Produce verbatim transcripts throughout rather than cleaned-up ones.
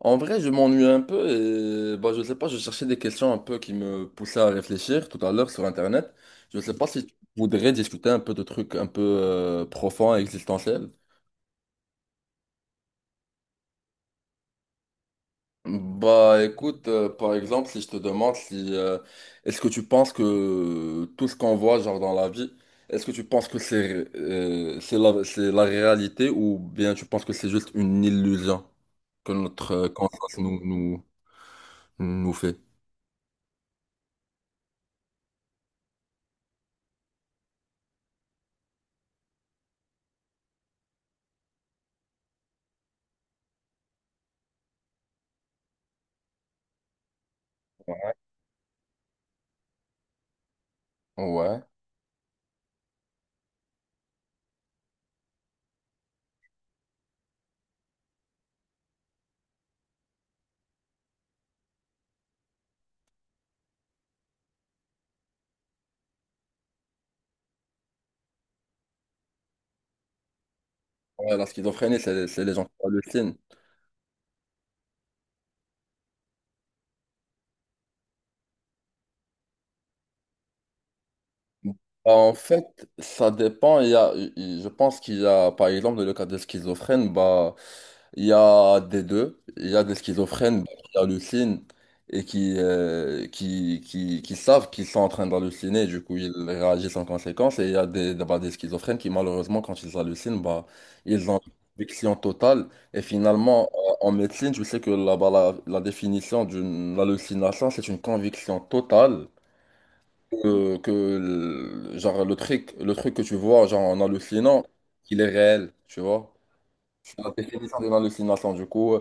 En vrai, je m'ennuie un peu et bah, je sais pas, je cherchais des questions un peu qui me poussaient à réfléchir tout à l'heure sur Internet. Je sais pas si tu voudrais discuter un peu de trucs un peu euh, profonds et existentiels. Bah écoute, euh, par exemple, si je te demande si euh, est-ce que tu penses que tout ce qu'on voit genre dans la vie, est-ce que tu penses que c'est euh, c'est la, c'est la réalité ou bien tu penses que c'est juste une illusion que notre euh, conscience nous, nous, nous fait? Ouais. Ouais, la schizophrénie, c'est c'est les gens qui hallucinent. Bah, en fait, ça dépend. Il y a, il- Je pense qu'il y a, par exemple, dans le cas des schizophrènes, bah, il y a des deux. Il y a des schizophrènes bah, qui hallucinent et qui, euh, qui, qui, qui savent qu'ils sont en train d'halluciner. Du coup, ils réagissent en conséquence. Et il y a des, bah, des schizophrènes qui, malheureusement, quand ils hallucinent, bah, ils ont une conviction totale. Et finalement, en en médecine, je sais que là-bas, la, la définition d'une hallucination, c'est une conviction totale que, que le- genre le truc le truc que tu vois genre en hallucinant, il est réel, tu vois. C'est la définition d'une hallucination, du coup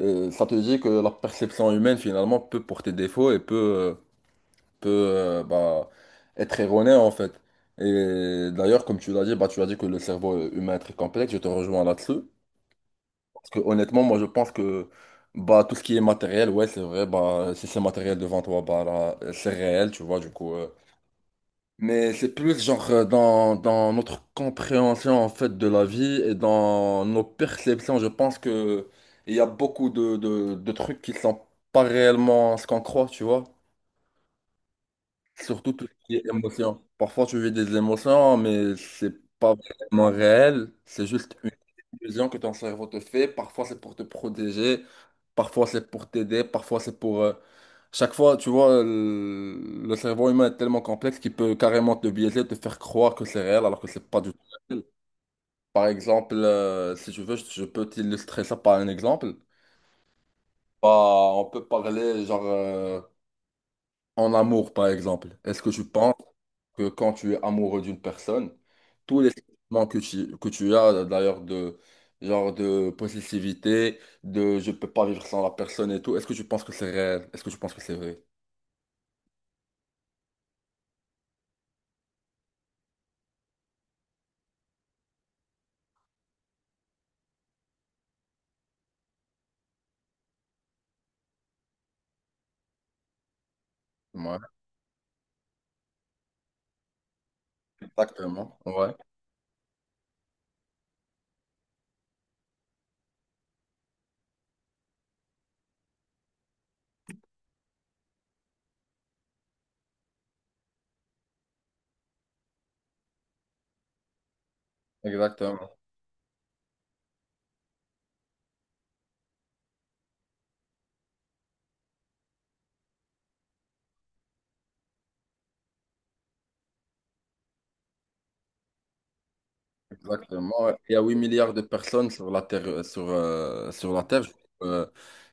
euh, ça te dit que la perception humaine finalement peut porter défaut et peut euh, peut euh, bah, être erronée en fait. Et d'ailleurs, comme tu l'as dit, bah, tu as dit que le cerveau humain est très complexe, je te rejoins là-dessus, parce que honnêtement, moi, je pense que bah, tout ce qui est matériel, ouais, c'est vrai. Bah, si c'est matériel devant toi, bah là, c'est réel, tu vois, du coup euh, mais c'est plus genre euh, dans, dans notre compréhension en fait de la vie et dans nos perceptions. Je pense que il y a beaucoup de, de, de trucs qui sont pas réellement ce qu'on croit, tu vois. Surtout tout ce qui est émotion. Parfois tu vis des émotions, mais c'est pas vraiment réel. C'est juste une illusion que ton cerveau te fait. Parfois c'est pour te protéger, parfois c'est pour t'aider, parfois c'est pour euh, chaque fois, tu vois, le, le cerveau humain est tellement complexe qu'il peut carrément te biaiser, te faire croire que c'est réel alors que c'est pas du tout réel. Par exemple, euh, si tu veux, je, je peux t'illustrer ça par un exemple. Bah, on peut parler genre euh, en amour, par exemple. Est-ce que tu penses que quand tu es amoureux d'une personne, tous les sentiments que tu, que tu as d'ailleurs, de genre de possessivité, de je peux pas vivre sans la personne et tout, est-ce que tu penses que c'est réel? Est-ce que tu penses que c'est vrai? Ouais, exactement. Ouais. Exactement, exactement, ouais. Il y a huit milliards de personnes sur la Terre, euh, sur, euh, sur la Terre. Euh,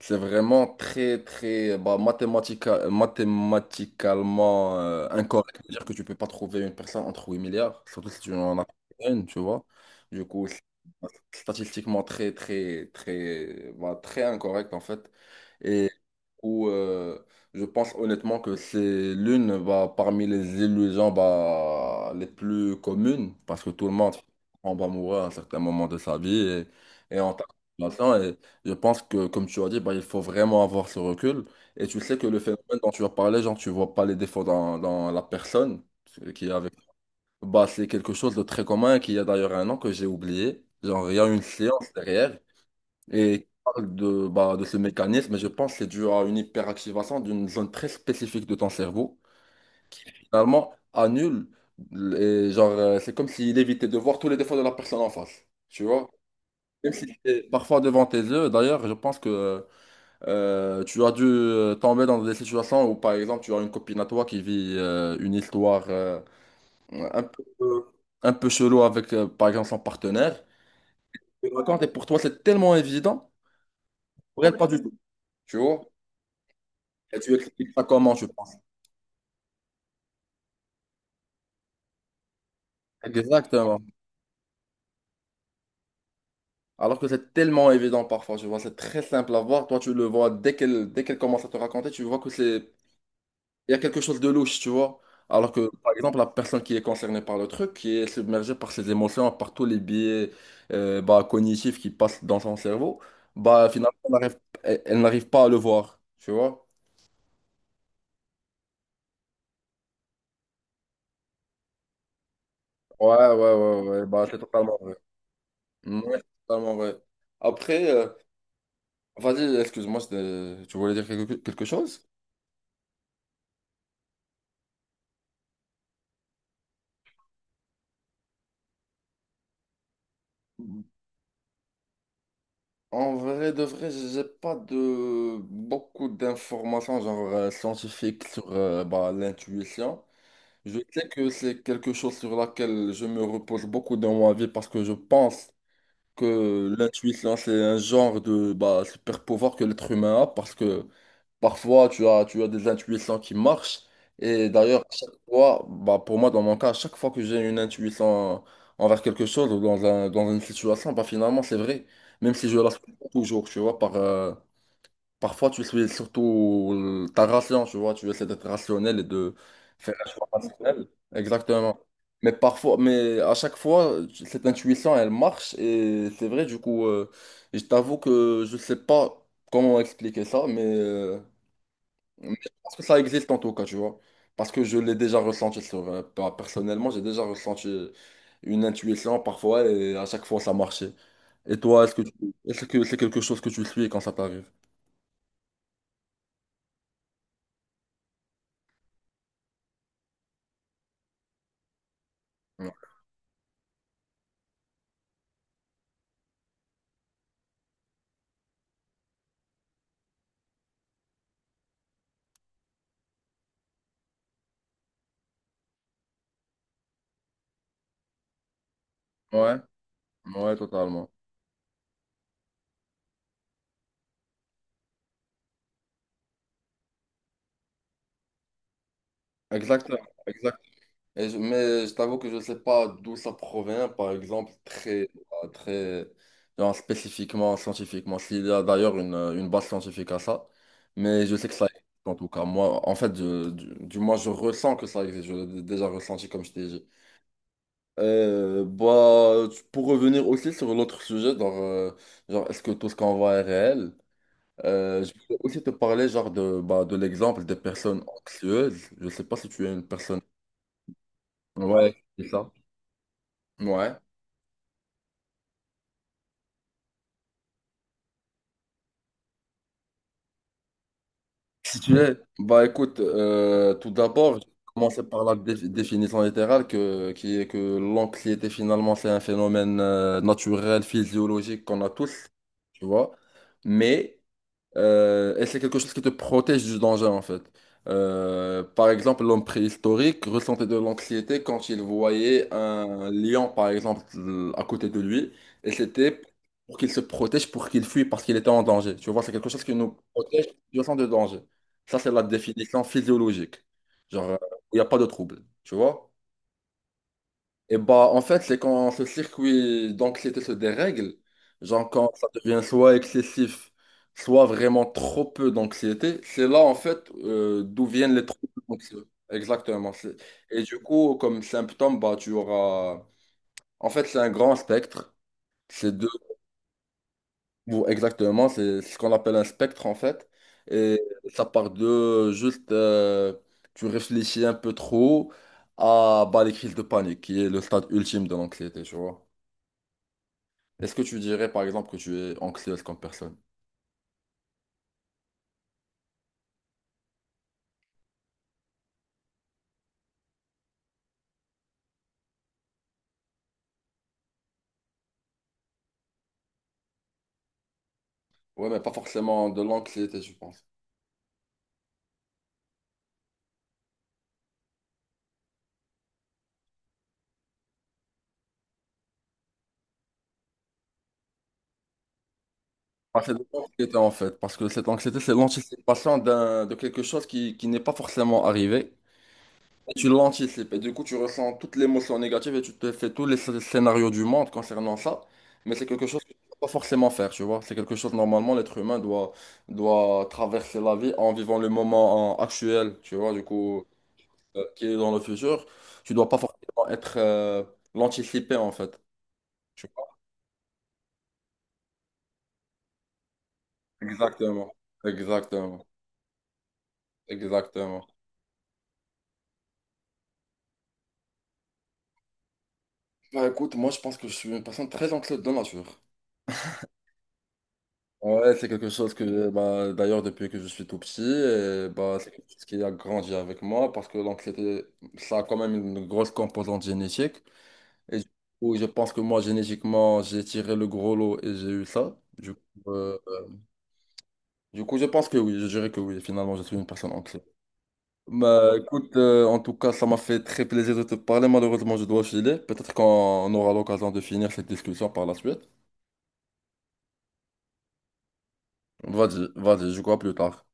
c'est vraiment très, très, bah, mathématica- mathématicalement euh, incorrect de dire que tu peux pas trouver une personne entre huit milliards, surtout si tu en as une, tu vois. Du coup, c'est statistiquement très, très, très, bah, très incorrect en fait. Et où euh, je pense honnêtement que c'est l'une, bah, parmi les illusions, bah, les plus communes, parce que tout le monde en va mourir à un certain moment de sa vie, et, et en tant que patient. Et je pense que, comme tu as dit, bah, il faut vraiment avoir ce recul. Et tu sais que le phénomène dont tu as parlé, genre, tu vois pas les défauts dans, dans la personne qui est avec. Bah, c'est quelque chose de très commun et qui a d'ailleurs un nom que j'ai oublié. Genre, il y a une science derrière. Et il parle de, bah, de ce mécanisme, et je pense que c'est dû à une hyperactivation d'une zone très spécifique de ton cerveau, finalement annule, et genre, euh, c'est comme s'il évitait de voir tous les défauts de la personne en face, tu vois? Même si c'est parfois devant tes yeux, d'ailleurs, je pense que euh, tu as dû euh, tomber dans des situations où, par exemple, tu as une copine à toi qui vit euh, une histoire euh, un peu, un peu chelou avec, euh, par exemple, son partenaire. Tu le racontes, et pour toi, c'est tellement évident. Pour elle, pas du tout, tu vois? Et tu expliques ça comment, je pense. Exactement. Alors que c'est tellement évident parfois, je vois, c'est très simple à voir. Toi, tu le vois dès qu'elle dès qu'elle commence à te raconter, tu vois que c'est il y a quelque chose de louche, tu vois. Alors que, par exemple, la personne qui est concernée par le truc, qui est submergée par ses émotions, par tous les biais euh, bah, cognitifs, qui passent dans son cerveau, bah finalement, elle n'arrive elle- elle n'arrive pas à le voir, tu vois. Ouais, ouais, ouais, ouais, bah c'est totalement vrai. Ouais, c'est totalement vrai. Après, euh, vas-y, excuse-moi, c'était- tu voulais dire quelque quelque chose? En vrai de vrai, j'ai pas de beaucoup d'informations genre euh, scientifiques sur euh, bah, l'intuition. Je sais que c'est quelque chose sur laquelle je me repose beaucoup dans ma vie, parce que je pense que l'intuition, c'est un genre de, bah, super pouvoir que l'être humain a, parce que parfois tu as, tu as des intuitions qui marchent. Et d'ailleurs, à chaque fois, bah, pour moi, dans mon cas, à chaque fois que j'ai une intuition envers quelque chose ou dans un, dans une situation, bah, finalement, c'est vrai. Même si je la suis pas toujours, tu vois, par, euh, parfois, tu suis surtout euh, ta ration, tu vois, tu essaies d'être rationnel et de faire un choix rationnel. Exactement. Mais parfois, mais à chaque fois, tu- cette intuition, elle marche et c'est vrai, du coup, euh, je t'avoue que je sais pas comment expliquer ça, mais, euh, mais je pense que ça existe en tout cas, tu vois. Parce que je l'ai déjà ressenti sur, euh, pas- personnellement, j'ai déjà ressenti une intuition parfois et à chaque fois, ça marchait. Et toi, est-ce que tu- est-ce que c'est quelque chose que tu suis quand ça t'arrive? Ouais. Ouais. Ouais, totalement. Exactement, exact. Et je- mais je t'avoue que je ne sais pas d'où ça provient, par exemple, très, euh, très, genre spécifiquement, scientifiquement. S'il y a d'ailleurs une, euh, une base scientifique à ça, mais je sais que ça existe, en tout cas. Moi, en fait, je- du, du moins, je ressens que ça existe. Je l'ai déjà ressenti, comme je t'ai dit. Euh, bah, tu- pour revenir aussi sur l'autre sujet, genre, euh, genre est-ce que tout ce qu'on voit est réel? Euh, je voulais aussi te parler genre de, bah, de l'exemple des personnes anxieuses. Je sais pas si tu es une personne. Ouais, c'est ça. Ouais. Si tu es, bah écoute, euh, tout d'abord, je vais commencer par la dé- définition littérale que, qui est que l'anxiété, finalement, c'est un phénomène euh, naturel, physiologique, qu'on a tous, tu vois. Mais Euh, et c'est quelque chose qui te protège du danger en fait. Euh, par exemple, l'homme préhistorique ressentait de l'anxiété quand il voyait un lion, par exemple, à côté de lui, et c'était pour qu'il se protège, pour qu'il fuit, parce qu'il était en danger. Tu vois, c'est quelque chose qui nous protège du sens de danger. Ça, c'est la définition physiologique. Genre, euh, il n'y a pas de trouble. Tu vois? Et bah, en fait, c'est quand ce circuit d'anxiété se dérègle, genre quand ça devient soit excessif, soit vraiment trop peu d'anxiété, c'est là, en fait, euh, d'où viennent les troubles anxieux. Exactement. c'est- Et du coup, comme symptôme, bah, tu auras. En fait, c'est un grand spectre. C'est deux, ou exactement, c'est ce qu'on appelle un spectre, en fait. Et ça part de juste, euh, tu réfléchis un peu trop à, bah, les crises de panique, qui est le stade ultime de l'anxiété, tu vois. Est-ce que tu dirais, par exemple, que tu es anxieuse comme personne? Ouais, mais pas forcément de l'anxiété, je pense. Ah, c'est de l'anxiété en fait, parce que cette anxiété, c'est l'anticipation d'un, de quelque chose qui, qui n'est pas forcément arrivé. Et tu l'anticipes, et du coup, tu ressens toute l'émotion négative et tu te fais tous les sc- scénarios du monde concernant ça. Mais c'est quelque chose que tu ne peux pas forcément faire, tu vois. C'est quelque chose, normalement, l'être humain doit, doit traverser la vie en vivant le moment en- actuel, tu vois, du coup, euh, qui est dans le futur. Tu dois pas forcément être euh, l'anticiper en fait. Tu vois. Exactement. Exactement. Exactement. Bah écoute, moi je pense que je suis une personne très anxieuse de nature. Ouais, c'est quelque chose que, bah, d'ailleurs, depuis que je suis tout petit, et, bah, c'est quelque chose qui a grandi avec moi, parce que l'anxiété, ça a quand même une grosse composante génétique. Et du coup, je pense que moi, génétiquement, j'ai tiré le gros lot et j'ai eu ça. Du coup, euh, du coup, je pense que oui, je dirais que oui, finalement, je suis une personne anxieuse. Bah, écoute, euh, en tout cas, ça m'a fait très plaisir de te parler. Malheureusement, je dois filer. Peut-être qu'on aura l'occasion de finir cette discussion par la suite. Vas-y, vas-y, je crois plus tard.